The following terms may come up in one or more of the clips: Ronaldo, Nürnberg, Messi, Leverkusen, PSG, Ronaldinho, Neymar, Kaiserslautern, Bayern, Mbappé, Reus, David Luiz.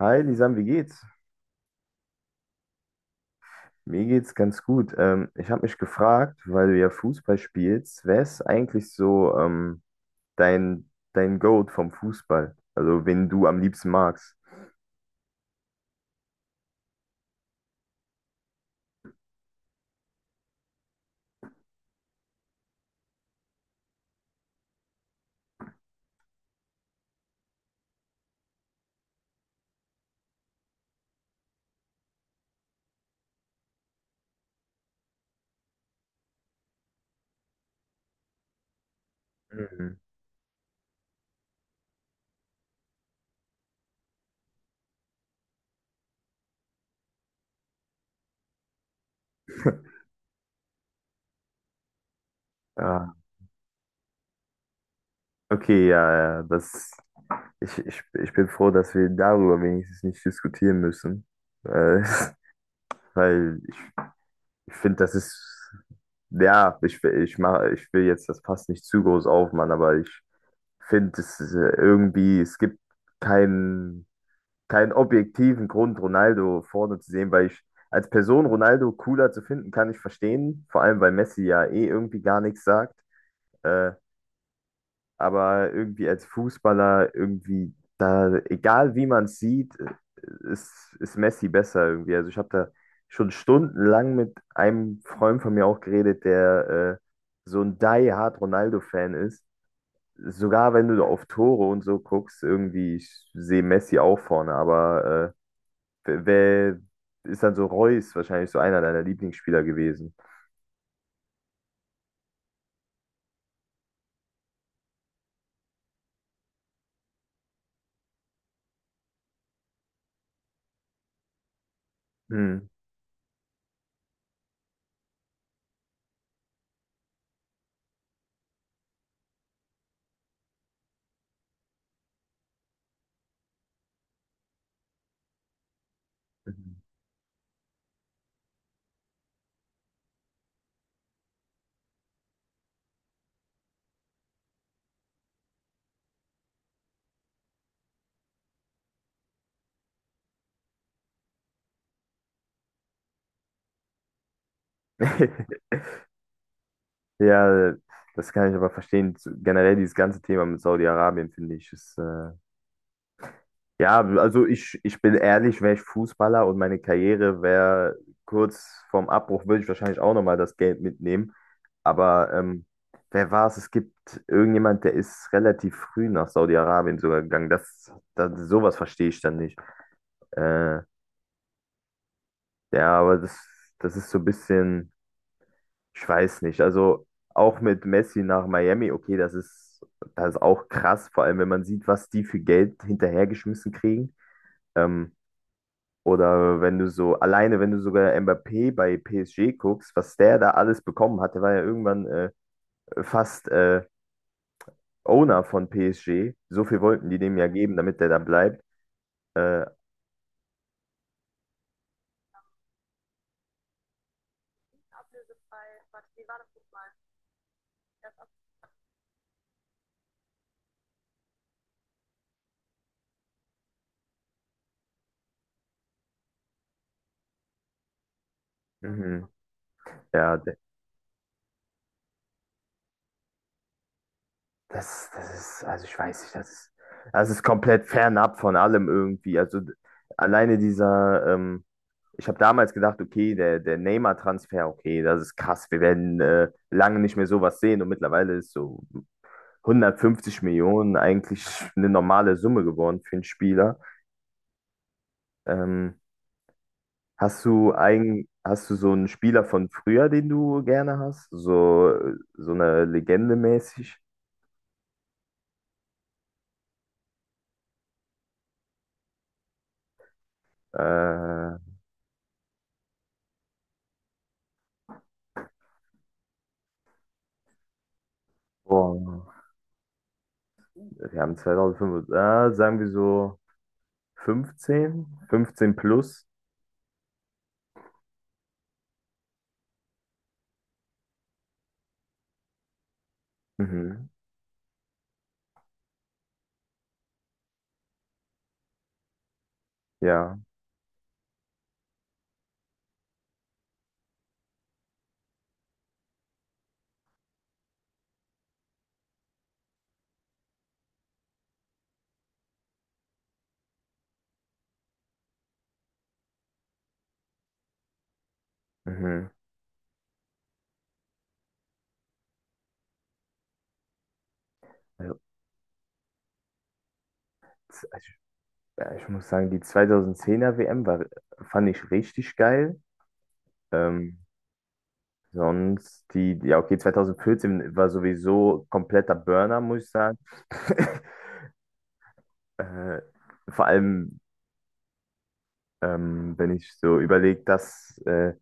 Hi, Lisan, wie geht's? Mir geht's ganz gut. Ich habe mich gefragt, weil du ja Fußball spielst, wer ist eigentlich so dein, dein Goat vom Fußball? Also, wen du am liebsten magst? Mhm. Ah, okay, ja, ja, das, ich bin froh, dass wir darüber wenigstens nicht diskutieren müssen. Äh, weil ich finde, das ist, ja, ich will jetzt, das passt nicht zu groß auf, Mann, aber ich finde es ist, irgendwie, es gibt keinen, keinen objektiven Grund, Ronaldo vorne zu sehen, weil ich als Person Ronaldo cooler zu finden, kann ich verstehen. Vor allem, weil Messi ja eh irgendwie gar nichts sagt. Äh, aber irgendwie als Fußballer, irgendwie da, egal wie man es sieht, ist Messi besser irgendwie. Also ich habe da schon stundenlang mit einem Freund von mir auch geredet, der so ein die-hard Ronaldo-Fan ist. Sogar wenn du auf Tore und so guckst, irgendwie, ich sehe Messi auch vorne, aber wer ist dann so Reus wahrscheinlich so einer deiner Lieblingsspieler gewesen? Hm. Ja, das kann ich aber verstehen. Generell dieses ganze Thema mit Saudi-Arabien, finde ich, ist. Ja, also ich bin ehrlich, wäre ich Fußballer und meine Karriere wäre kurz vorm Abbruch, würde ich wahrscheinlich auch nochmal das Geld mitnehmen. Aber wer war es? Es gibt irgendjemand, der ist relativ früh nach Saudi-Arabien sogar gegangen. Das, das, sowas verstehe ich dann nicht. Äh, ja, aber das ist so ein bisschen, ich weiß nicht. Also auch mit Messi nach Miami, okay, das ist auch krass, vor allem wenn man sieht, was die für Geld hinterhergeschmissen kriegen. Ähm, Oder wenn du so, alleine wenn du sogar Mbappé bei PSG guckst, was der da alles bekommen hat, der war ja irgendwann fast Owner von PSG. So viel wollten die dem ja geben, damit der da bleibt. Äh, mhm. Ja, das ist, also ich weiß nicht, das ist komplett fernab von allem irgendwie. Also alleine ich habe damals gedacht, okay, der Neymar-Transfer, okay, das ist krass, wir werden lange nicht mehr sowas sehen und mittlerweile ist so, 150 Millionen eigentlich eine normale Summe geworden für einen Spieler. Ähm, hast du so einen Spieler von früher, den du gerne hast? So eine Legende mäßig? Äh, Boah, wir haben 2005, ah, sagen wir so 15, 15 plus. Mhm, ja, mhm. Also, z- ich, ja, ich muss sagen, die 2010er WM fand ich richtig geil. Ähm, Sonst die, ja, okay, 2014 war sowieso kompletter Burner, muss ich sagen. Äh, Vor allem, wenn ich so überlege, dass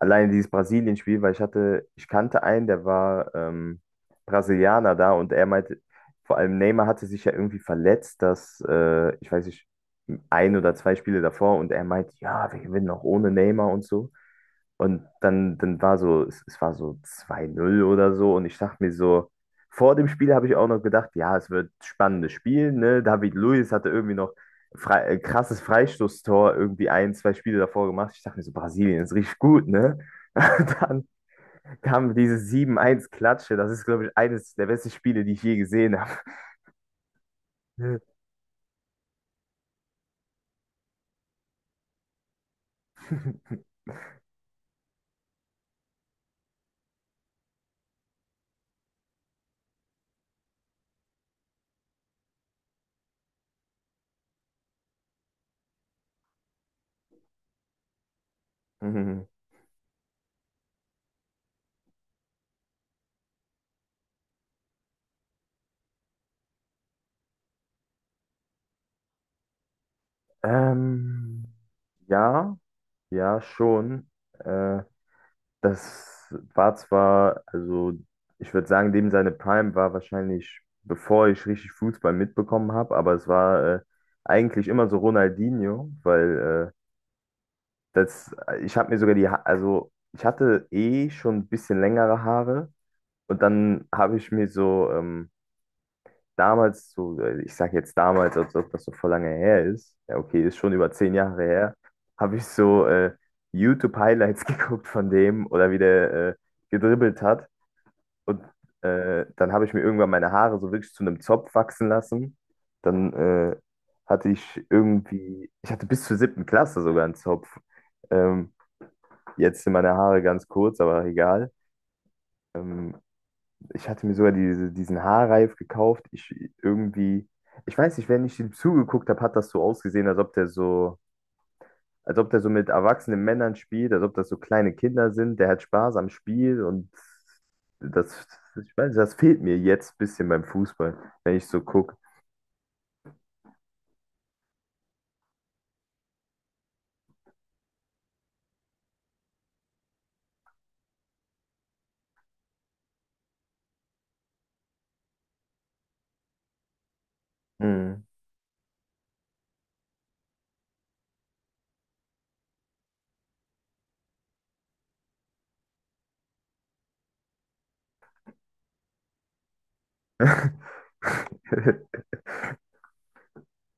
alleine dieses Brasilien-Spiel, weil ich kannte einen, der war Brasilianer da und er meinte, vor allem Neymar hatte sich ja irgendwie verletzt, dass, ich weiß nicht, ein oder zwei Spiele davor und er meinte, ja, wir gewinnen auch ohne Neymar und so. Und dann war so, es war so 2:0 oder so. Und ich dachte mir so, vor dem Spiel habe ich auch noch gedacht, ja, es wird ein spannendes Spiel, ne? David Luiz hatte irgendwie noch frei, krasses Freistoßtor irgendwie ein, zwei Spiele davor gemacht. Ich dachte mir so, Brasilien ist richtig gut, ne? Dann kam diese 7:1 Klatsche. Das ist, glaube ich, eines der besten Spiele, die ich je gesehen habe. Mhm. Ähm, ja, ja, schon. Äh, Das war zwar, also ich würde sagen, dem seine Prime war wahrscheinlich, bevor ich richtig Fußball mitbekommen habe, aber es war eigentlich immer so Ronaldinho, weil ich habe mir sogar die, also ich hatte eh schon ein bisschen längere Haare und dann habe ich mir so damals, so, ich sage jetzt damals, als ob das so voll lange her ist, ja okay, ist schon über 10 Jahre her, habe ich so YouTube-Highlights geguckt von dem oder wie der gedribbelt hat und dann habe ich mir irgendwann meine Haare so wirklich zu einem Zopf wachsen lassen. Dann hatte ich irgendwie, ich hatte bis zur 7. Klasse sogar einen Zopf. Ähm, Jetzt sind meine Haare ganz kurz, aber egal. Ähm, Ich hatte mir sogar diese, diesen Haarreif gekauft. Ich irgendwie, ich weiß nicht, wenn ich ihm zugeguckt habe, hat das so ausgesehen, als ob der so, als ob der so mit erwachsenen Männern spielt, als ob das so kleine Kinder sind. Der hat Spaß am Spiel und das, ich weiß nicht, das fehlt mir jetzt ein bisschen beim Fußball, wenn ich so gucke. Mhm.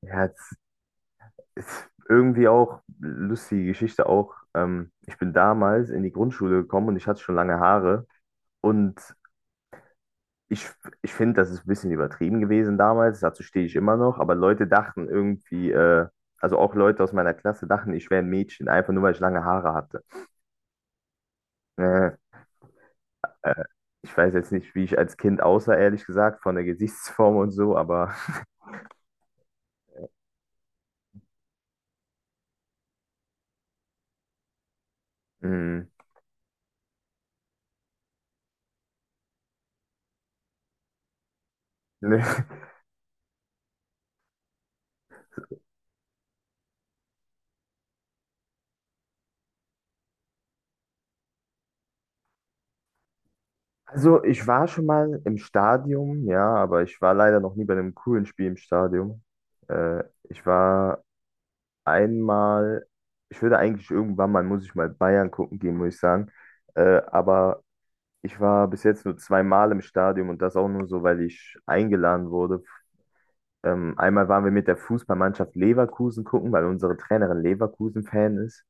Ja, ist irgendwie auch lustige Geschichte auch. Ich bin damals in die Grundschule gekommen und ich hatte schon lange Haare. Und ich, ich finde, das ist ein bisschen übertrieben gewesen damals. Dazu stehe ich immer noch. Aber Leute dachten irgendwie, also auch Leute aus meiner Klasse dachten, ich wäre ein Mädchen, einfach nur weil ich lange Haare hatte. Äh, äh, Ich weiß jetzt nicht, wie ich als Kind aussah, ehrlich gesagt, von der Gesichtsform und so, aber mh, ne. Also ich war schon mal im Stadion, ja, aber ich war leider noch nie bei einem coolen Spiel im Stadion. Äh, Ich war einmal, ich würde eigentlich irgendwann mal, muss ich mal Bayern gucken gehen, muss ich sagen. Aber ich war bis jetzt nur zweimal im Stadion und das auch nur so, weil ich eingeladen wurde. Einmal waren wir mit der Fußballmannschaft Leverkusen gucken, weil unsere Trainerin Leverkusen-Fan ist.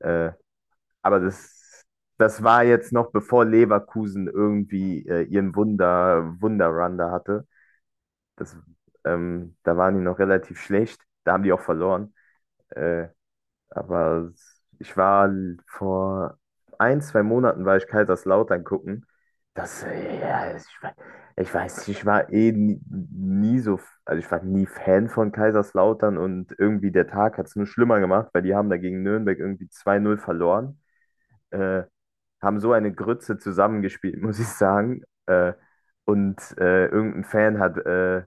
Äh, aber das war jetzt noch bevor Leverkusen irgendwie ihren Wunderrun da hatte. Das, Da waren die noch relativ schlecht. Da haben die auch verloren. Äh, aber ich war vor ein, zwei Monaten war ich Kaiserslautern gucken. Das, ja, ich weiß nicht, ich war eh nie so, also ich war nie Fan von Kaiserslautern und irgendwie der Tag hat es nur schlimmer gemacht, weil die haben da gegen Nürnberg irgendwie 2:0 verloren. Äh, Haben so eine Grütze zusammengespielt, muss ich sagen. Und irgendein Fan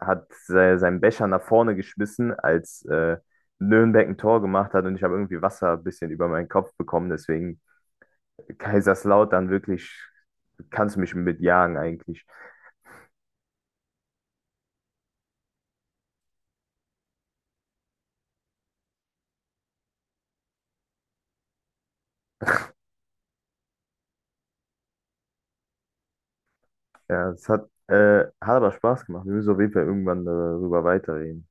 hat se seinen Becher nach vorne geschmissen, als Nürnberg ein Tor gemacht hat und ich habe irgendwie Wasser ein bisschen über meinen Kopf bekommen. Deswegen Kaiserslautern wirklich, kannst du mich mitjagen eigentlich. Ja, es hat aber Spaß gemacht. Wir müssen auf jeden Fall irgendwann darüber weiterreden.